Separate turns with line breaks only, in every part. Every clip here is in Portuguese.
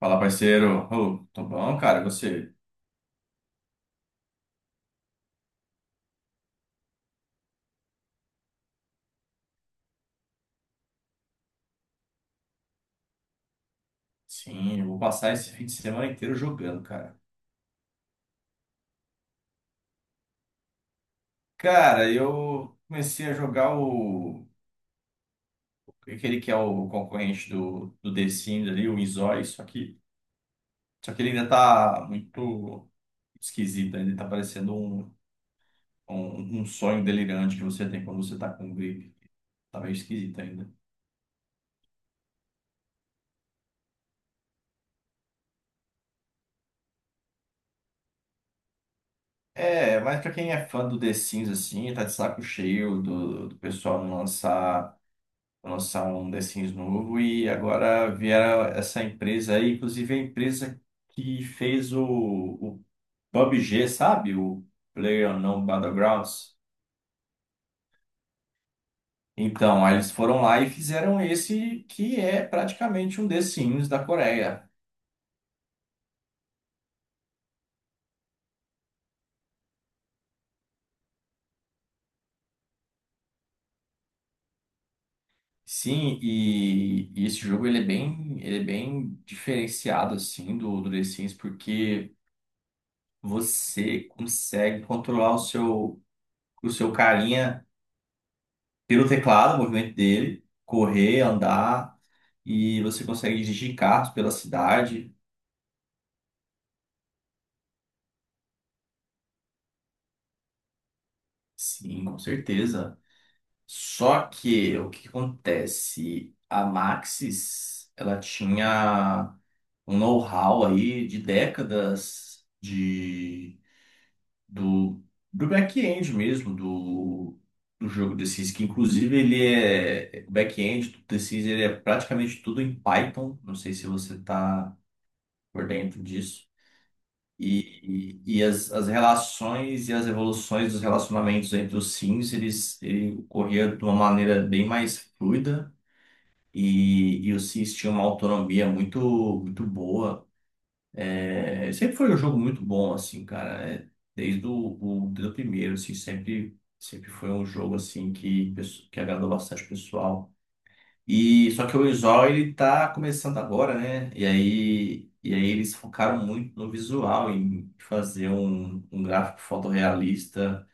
Fala, parceiro. Ô, tô bom, cara, você? Sim, eu vou passar esse fim de semana inteiro jogando, cara. Cara, eu comecei a jogar o... Aquele que é o concorrente do The Sims ali, o Inzói, só que... Só que ele ainda tá muito esquisito, ainda tá parecendo um sonho delirante que você tem quando você tá com um gripe. Tá meio esquisito ainda. É, mas pra quem é fã do The Sims, assim, tá de saco cheio do pessoal não lançar... lançar um The Sims novo e agora vieram essa empresa aí, inclusive a empresa que fez o PUBG, sabe? O PlayerUnknown's Battlegrounds. Então, aí eles foram lá e fizeram esse que é praticamente um The Sims da Coreia. Sim, e esse jogo ele é bem diferenciado assim do The Sims porque você consegue controlar o seu carinha pelo teclado, o movimento dele, correr, andar, e você consegue dirigir carros pela cidade. Sim, com certeza. Só que o que que acontece? A Maxis, ela tinha um know-how aí de décadas de do, do back-end mesmo do, do jogo The Sims, que inclusive ele é o back-end do The Sims, ele é praticamente tudo em Python. Não sei se você está por dentro disso. E as relações e as evoluções dos relacionamentos entre os sims, eles, ele ocorria de uma maneira bem mais fluida e os sims tinham uma autonomia muito, muito boa. É, sempre foi um jogo muito bom, assim, cara. É, desde o desde o primeiro, assim, sempre, sempre foi um jogo, assim, que, que agradou bastante o pessoal. E só que o visual ele tá começando agora, né? E aí eles focaram muito no visual, em fazer um gráfico fotorrealista.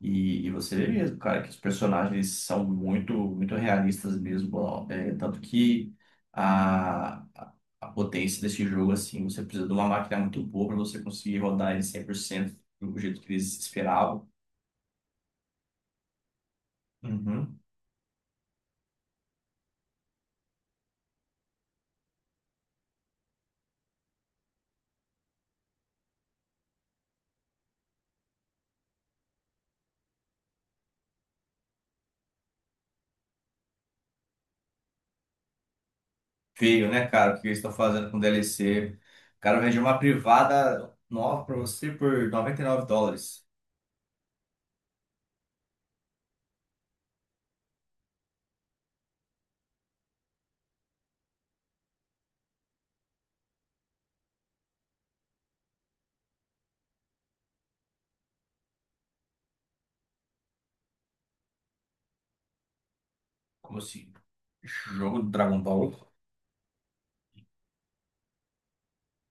E você vê mesmo, cara, que os personagens são muito, muito realistas mesmo. Ó. É, tanto que a, a a potência desse jogo, assim, você precisa de uma máquina muito boa para você conseguir rodar ele 100% do jeito que eles esperavam. Uhum. Feio, né, cara? O que eles estão fazendo com DLC? O cara vende uma privada nova pra você por US$ 99. Como assim? Jogo do Dragon Ball.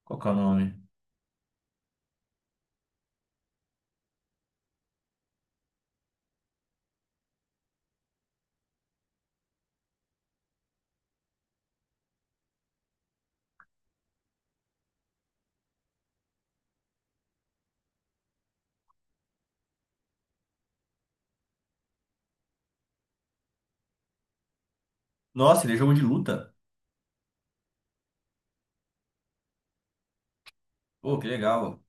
Qual que é o nome? Nossa, ele é jogo de luta. Pô, que legal.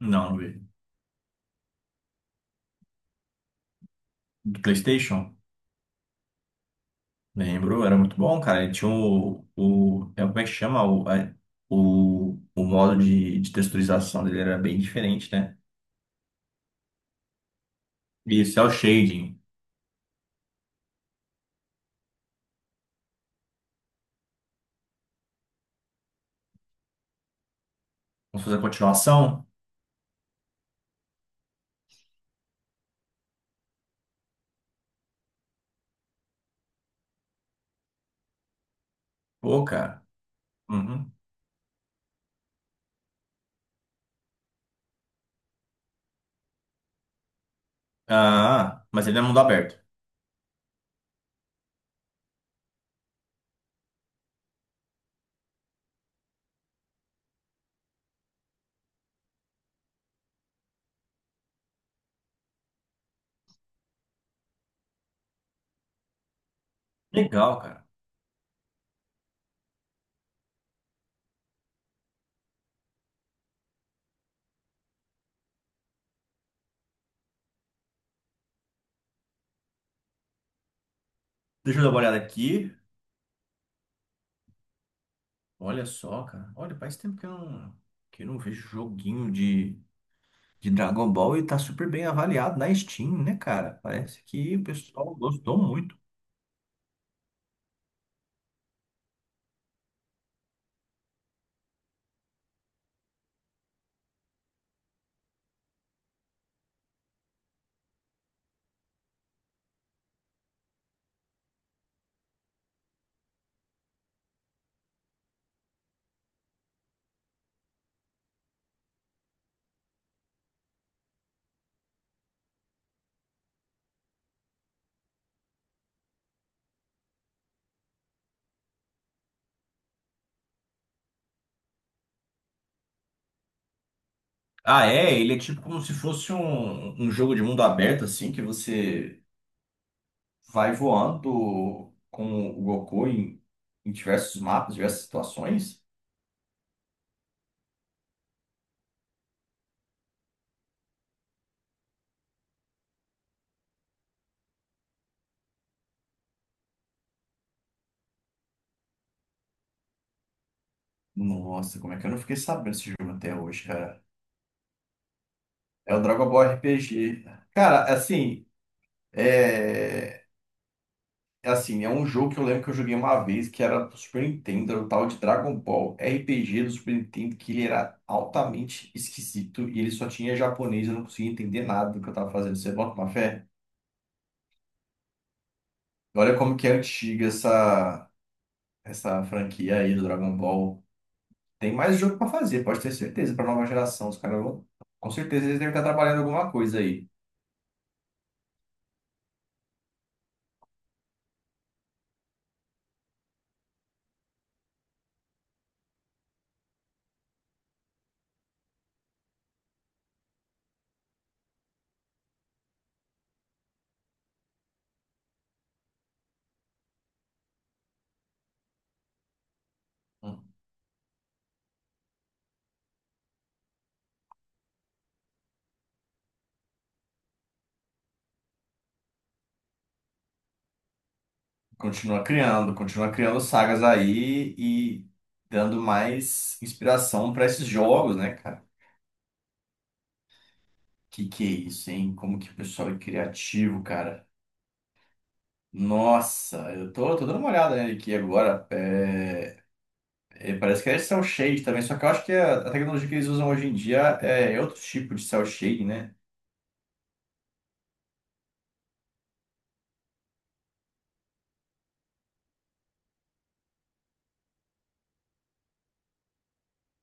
Não, não vi. Do PlayStation? Lembro, era muito bom, cara. Ele tinha o. O é, como é que chama? O modo de texturização dele era bem diferente, né? Isso, é o shading. Vamos fazer a continuação? Pô, cara. Uhum. Ah, mas ele é mundo aberto. Legal, cara. Deixa eu dar uma olhada aqui. Olha só, cara. Olha, faz tempo que eu não vejo joguinho de Dragon Ball e tá super bem avaliado na Steam, né, cara? Parece que o pessoal gostou muito. Ah, é? Ele é tipo como se fosse um jogo de mundo aberto, assim, que você vai voando com o Goku em diversos mapas, diversas situações. Nossa, como é que eu não fiquei sabendo desse jogo até hoje, cara? É o Dragon Ball RPG. Cara, assim. É... É assim, é um jogo que eu lembro que eu joguei uma vez, que era do Super Nintendo, era o tal de Dragon Ball RPG do Super Nintendo, que ele era altamente esquisito e ele só tinha japonês, eu não conseguia entender nada do que eu tava fazendo. Você bota uma fé? Olha como que é essa franquia aí do Dragon Ball. Tem mais jogo pra fazer, pode ter certeza, pra nova geração. Os caras vão. Com certeza eles devem estar trabalhando em alguma coisa aí. Hum. Continua criando sagas aí e dando mais inspiração pra esses jogos, né, cara? Que é isso, hein? Como que o pessoal é criativo, cara. Nossa, eu tô dando uma olhada nele aqui agora. É, é, parece que é cel shade também, só que eu acho que a tecnologia que eles usam hoje em dia é outro tipo de cel shade, né?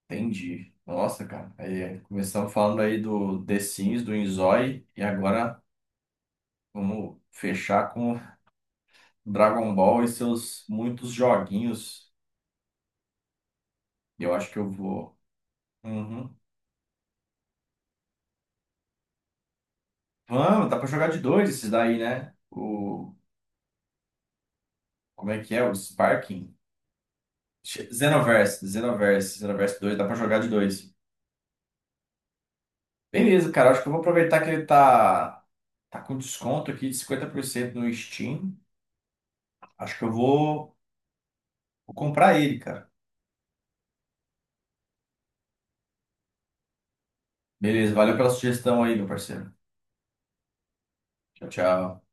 Entendi. Nossa, cara. Aí, é, começamos falando aí do The Sims, do Inzói, e agora vamos fechar com Dragon Ball e seus muitos joguinhos. Eu acho que eu vou. Uhum. Vamos, dá pra jogar de dois esses daí, né? O como é que é? O Sparking? Xenoverse, Xenoverse, Xenoverse 2, dá pra jogar de dois. Beleza, cara, acho que eu vou aproveitar que ele tá com desconto aqui de 50% no Steam. Acho que vou comprar ele, cara. Beleza, valeu pela sugestão aí, meu parceiro. Tchau, tchau.